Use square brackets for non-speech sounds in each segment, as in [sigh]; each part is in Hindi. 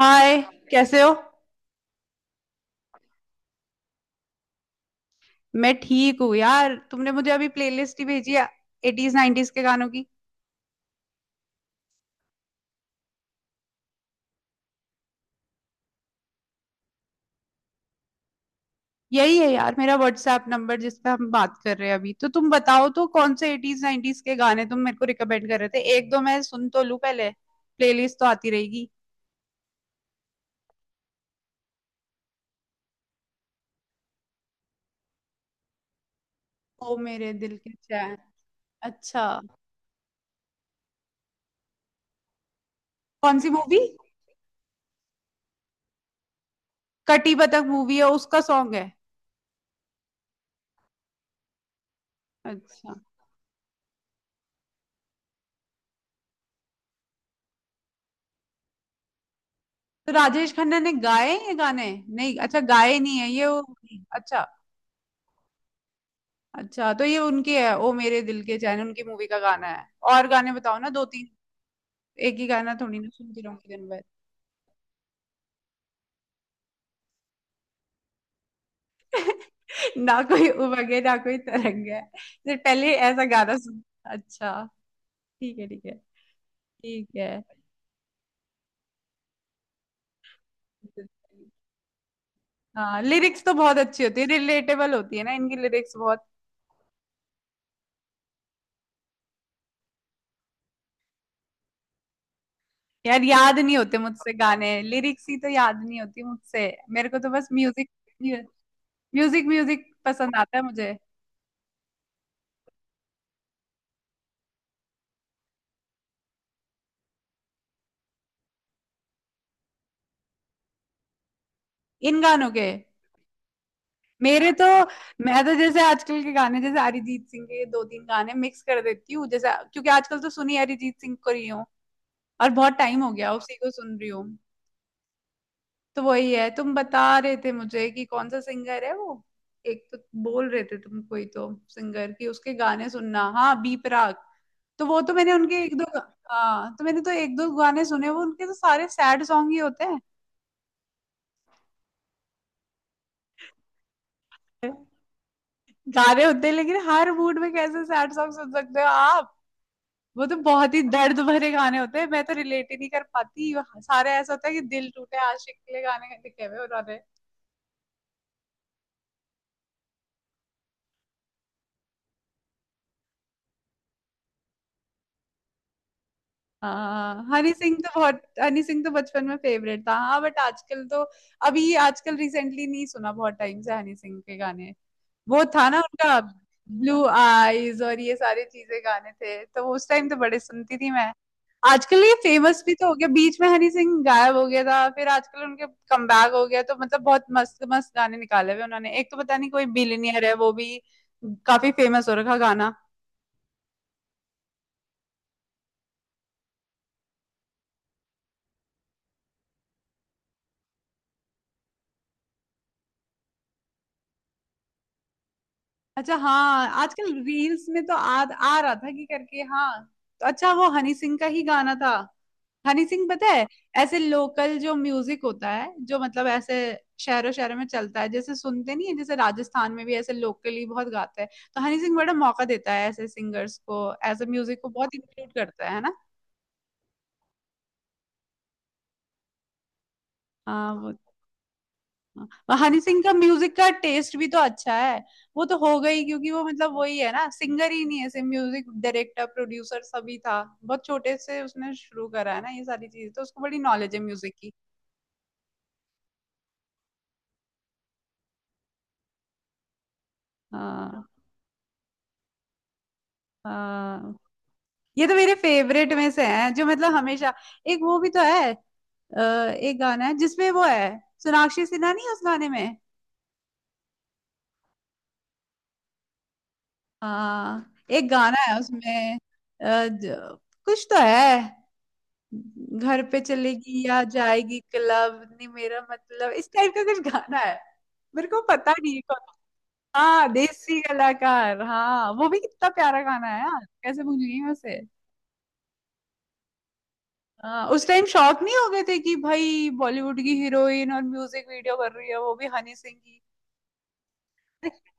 हाय। कैसे हो। मैं ठीक हूँ यार, तुमने मुझे अभी प्लेलिस्ट ही भेजी है एटीज नाइनटीज के गानों की। यही है यार मेरा व्हाट्सएप नंबर जिस पे हम बात कर रहे हैं अभी। तो तुम बताओ तो कौन से एटीज नाइनटीज के गाने तुम मेरे को रिकमेंड कर रहे थे, एक दो मैं सुन तो लूँ पहले। प्लेलिस्ट तो आती रहेगी। ओ मेरे दिल के चैन। अच्छा। कौन सी मूवी। कटी बतक मूवी है, उसका सॉन्ग है। अच्छा। तो राजेश खन्ना ने गाए हैं ये गाने? नहीं, अच्छा गाए नहीं है ये वो। अच्छा। अच्छा तो ये उनकी है, ओ मेरे दिल के चैन उनकी मूवी का गाना है। और गाने बताओ ना दो तीन। एक ही गाना थोड़ी ना सुनती रहूंगी दिन भर। [laughs] ना कोई उमंग है ना कोई तरंग है, तो पहले ऐसा गाना सुन। अच्छा। ठीक है ठीक है। ठीक है। हाँ लिरिक्स तो बहुत अच्छी होती है, रिलेटेबल होती है ना, इनकी लिरिक्स बहुत। यार याद नहीं होते मुझसे गाने, लिरिक्स ही तो याद नहीं होती मुझसे। मेरे को तो बस म्यूजिक, म्यूजिक म्यूजिक पसंद आता है मुझे। इन गानों के। मेरे तो, मैं तो जैसे आजकल के गाने जैसे अरिजीत सिंह के दो तीन गाने मिक्स कर देती हूँ जैसे, क्योंकि आजकल तो सुनी अरिजीत सिंह को रही हूँ, और बहुत टाइम हो गया उसी को सुन रही हूँ। तो वही है, तुम बता रहे थे मुझे कि कौन सा सिंगर है वो, एक तो बोल रहे थे तुम कोई तो सिंगर कि उसके गाने सुनना, हाँ बी प्राक। तो वो तो मैंने उनके एक दो, हाँ तो मैंने तो एक दो गाने सुने वो उनके, तो सारे सैड सॉन्ग ही होते हैं। गा रहे होते हैं, लेकिन हर मूड में कैसे सैड सॉन्ग सुन सकते हो आप। वो तो बहुत ही दर्द भरे गाने होते हैं, मैं तो रिलेट ही नहीं कर पाती। सारे ऐसा होता है कि दिल टूटे आशिक के लिए गाने लिखे हुए उन्होंने। हाँ हनी सिंह तो बहुत, हनी सिंह तो बचपन में फेवरेट था हाँ, बट आजकल तो अभी आजकल रिसेंटली नहीं सुना, बहुत टाइम से हनी सिंह के गाने। वो था ना उनका ब्लू आईज और ये सारी चीजें गाने थे, तो उस टाइम तो बड़े सुनती थी मैं। आजकल ये फेमस भी तो हो गया, बीच में हनी सिंह गायब हो गया था, फिर आजकल उनके कमबैक हो गया, तो मतलब बहुत मस्त मस्त गाने निकाले हुए उन्होंने, एक तो पता नहीं कोई बिलियनियर है वो भी, काफी फेमस हो रखा गाना। अच्छा, हाँ आजकल रील्स में तो आ रहा था कि करके, हाँ। तो अच्छा, वो हनी सिंह का ही गाना था। हनी सिंह, पता है, ऐसे लोकल जो म्यूजिक होता है, जो मतलब ऐसे शहरों शहरों में चलता है, जैसे सुनते नहीं है, जैसे राजस्थान में भी ऐसे लोकली बहुत गाते हैं, तो हनी सिंह बड़ा मौका देता है ऐसे सिंगर्स को, ऐसे म्यूजिक को बहुत इंक्लूड करता है ना। हाँ वो, हाँ, हनी सिंह का म्यूजिक का टेस्ट भी तो अच्छा है। वो तो हो गई, क्योंकि वो मतलब वही है ना, सिंगर ही नहीं है ऐसे, म्यूजिक डायरेक्टर प्रोड्यूसर सभी था, बहुत छोटे से उसने शुरू करा है ना ये सारी चीज, तो उसको बड़ी नॉलेज है म्यूजिक की। हाँ। हाँ ये तो मेरे फेवरेट में से हैं जो मतलब हमेशा, एक वो भी तो है, एक गाना है जिसमें वो है, सोनाक्षी सिन्हा नहीं है उस गाने में। हाँ एक गाना है उसमें, कुछ तो है, घर पे चलेगी या जाएगी क्लब, नहीं मेरा मतलब इस टाइप का कुछ गाना है, मेरे को पता नहीं कौन। हाँ देसी कलाकार, हाँ वो भी कितना प्यारा गाना है यार, कैसे भूल गई मैं उसे। हाँ, उस टाइम शौक नहीं हो गए थे कि भाई बॉलीवुड की हीरोइन और म्यूजिक वीडियो कर रही है, वो भी हनी सिंह की। [laughs]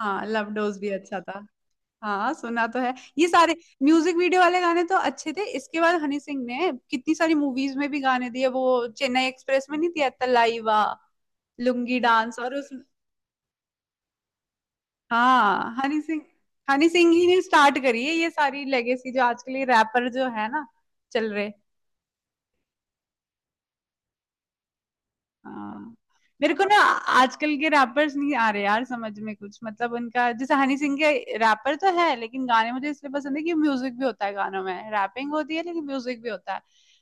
हाँ लव डोज भी अच्छा था। हाँ सुना तो है। ये सारे म्यूजिक वीडियो वाले गाने तो अच्छे थे, इसके बाद हनी सिंह ने कितनी सारी मूवीज में भी गाने दिए, वो चेन्नई एक्सप्रेस में नहीं दिया तलाइवा लुंगी डांस और उस, हाँ हनी सिंह, हनी सिंह ही ने स्टार्ट करी है ये सारी लेगेसी, जो आजकल ये रैपर जो है ना चल रहे। हाँ मेरे को ना, आजकल के रैपर्स नहीं आ रहे यार समझ में कुछ, मतलब उनका जैसे हनी सिंह के रैपर तो है, लेकिन गाने मुझे इसलिए पसंद है कि म्यूजिक भी होता है गानों में, रैपिंग होती है लेकिन म्यूजिक भी होता है।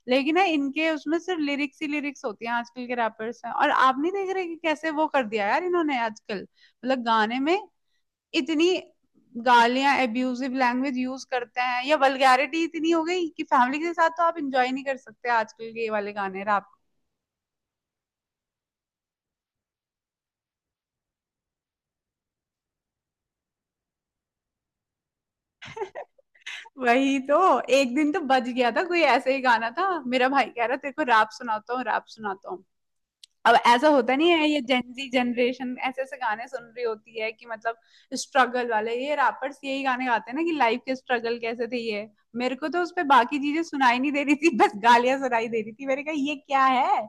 लेकिन ना इनके उसमें सिर्फ लिरिक्स ही लिरिक्स होती हैं आजकल के रैपर्स में, और आप नहीं देख रहे कि कैसे वो कर दिया यार इन्होंने आजकल, मतलब गाने में इतनी गालियां, एब्यूजिव लैंग्वेज यूज करते हैं, या वल्गैरिटी इतनी हो गई कि फैमिली के साथ तो आप इंजॉय नहीं कर सकते आजकल के ये वाले गाने। वही तो, एक दिन तो बच गया था, कोई ऐसा ही गाना था, मेरा भाई कह रहा तेरे को रैप सुनाता हूँ, रैप सुनाता हूँ। अब ऐसा होता नहीं है, ये जेंजी जनरेशन ऐसे ऐसे गाने सुन रही होती है कि मतलब, स्ट्रगल वाले ये रैपर्स यही गाने गाते हैं ना, कि लाइफ के स्ट्रगल कैसे थे ये। मेरे को तो उस पे बाकी चीजें सुनाई नहीं दे रही थी, बस गालियां सुनाई दे रही थी, मैंने कहा ये क्या है।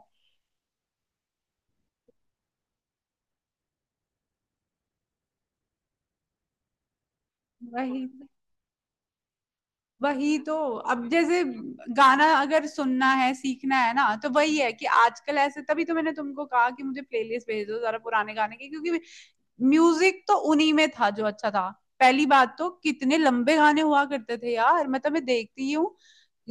वही, वही तो, अब जैसे गाना अगर सुनना है सीखना है ना, तो वही है कि आजकल ऐसे, तभी तो मैंने तुमको कहा कि मुझे प्लेलिस्ट भेज दो जरा पुराने गाने की, क्योंकि म्यूजिक तो उन्हीं में था जो अच्छा था। पहली बात तो कितने लंबे गाने हुआ करते थे यार, मतलब मैं देखती ही हूँ,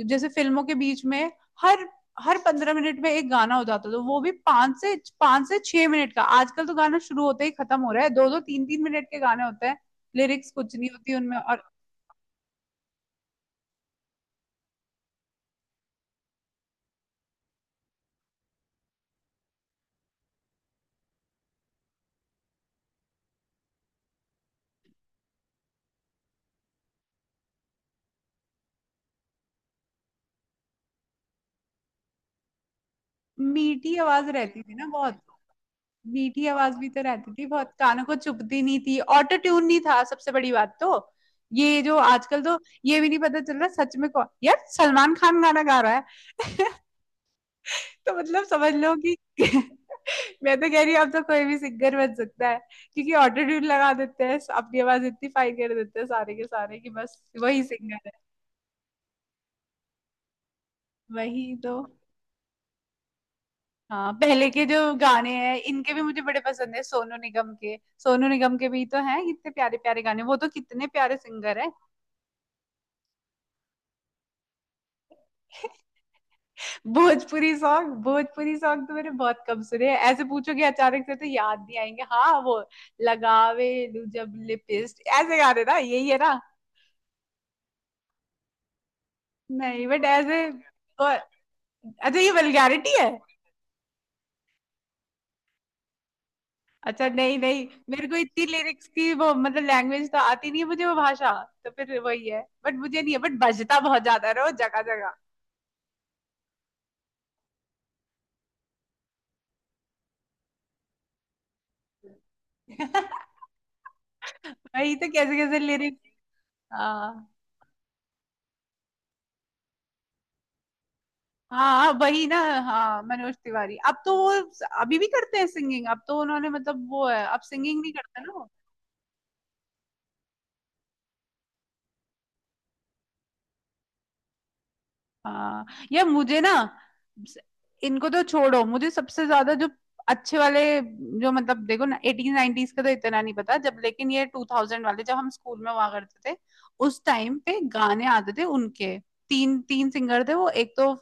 जैसे फिल्मों के बीच में हर हर 15 मिनट में एक गाना हो जाता था, तो वो भी पांच से 6 मिनट का, आजकल तो गाना शुरू होते ही खत्म हो रहा है, दो दो तीन तीन मिनट के गाने होते हैं, लिरिक्स कुछ नहीं होती उनमें, और मीठी आवाज रहती थी ना बहुत। मीठी आवाज भी तो रहती थी बहुत, कानों को चुभती नहीं थी, ऑटो ट्यून नहीं था सबसे बड़ी बात तो, ये जो आजकल तो, ये भी नहीं पता चल रहा सच में कौन, यार सलमान खान गाना गा रहा है, तो मतलब समझ लो कि [laughs] मैं तो कह रही हूँ, अब तो कोई भी सिंगर बन सकता है, क्योंकि ऑटो ट्यून लगा देते हैं, अपनी आवाज इतनी फाइन कर देते हैं सारे के सारे, कि बस वही सिंगर है। वही तो, हाँ पहले के जो गाने हैं इनके भी मुझे बड़े पसंद है, सोनू निगम के। सोनू निगम के भी तो हैं कितने प्यारे प्यारे गाने, वो तो कितने प्यारे सिंगर है। [laughs] भोजपुरी सॉन्ग, भोजपुरी सॉन्ग तो मैंने बहुत कम सुने हैं, ऐसे पूछोगे अचानक से तो याद नहीं आएंगे, हाँ वो लगावे लू जब लिपिस्ट, ऐसे गाने ना, यही है ना। नहीं बट ऐसे और, अच्छा, ये वल्गैरिटी है। अच्छा नहीं नहीं, मेरे को इतनी लिरिक्स की वो मतलब लैंग्वेज तो आती नहीं है मुझे, वो भाषा, तो फिर वही है, बट मुझे नहीं है, बट बजता बहुत ज्यादा है ना वो, जगह जगह। [laughs] वही तो, कैसे कैसे लिरिक्स। हाँ। हाँ वही ना, हाँ मनोज तिवारी। अब तो वो अभी भी करते हैं सिंगिंग, अब तो उन्होंने मतलब वो है, अब सिंगिंग नहीं करते ना वो। हाँ, यार मुझे ना, इनको तो छोड़ो, मुझे सबसे ज्यादा जो अच्छे वाले, जो मतलब देखो ना, एटीन नाइनटीज का तो इतना नहीं पता जब, लेकिन ये 2000 वाले, जब हम स्कूल में हुआ करते थे उस टाइम पे गाने आते थे उनके, तीन तीन सिंगर थे वो, एक तो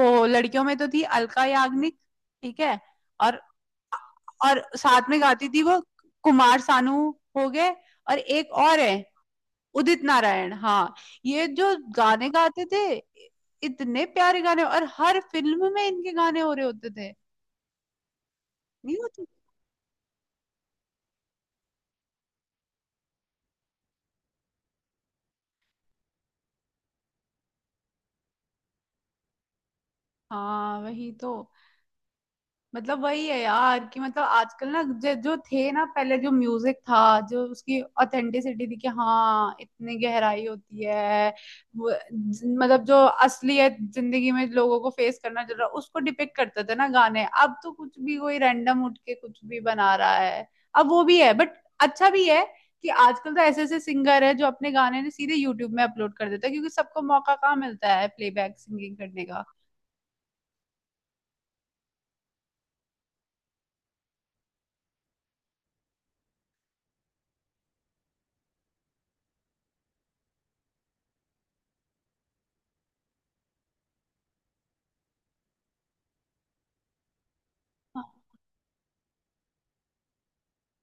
वो लड़कियों में तो थी अलका याग्निक। ठीक है, और और साथ में गाती थी वो, कुमार सानू हो गए, और एक और है उदित नारायण, हाँ, ये जो गाने गाते थे इतने प्यारे गाने, और हर फिल्म में इनके गाने हो रहे होते थे, नहीं होते। हाँ वही तो, मतलब वही है यार, कि मतलब आजकल ना जो जो थे ना पहले, जो म्यूजिक था, जो उसकी ऑथेंटिसिटी थी, कि हाँ इतनी गहराई होती है, मतलब जो असलियत जिंदगी में लोगों को फेस करना चल रहा, उसको डिपिक्ट करते थे ना गाने। अब तो कुछ भी कोई रैंडम उठ के कुछ भी बना रहा है, अब वो भी है बट अच्छा भी है, कि आजकल तो ऐसे ऐसे सिंगर है जो अपने गाने ने सीधे यूट्यूब में अपलोड कर देता है, क्योंकि सबको मौका कहाँ मिलता है प्लेबैक सिंगिंग करने का।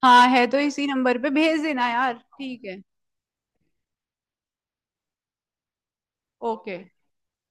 हाँ है, तो इसी नंबर पे भेज देना यार, ठीक है, ओके।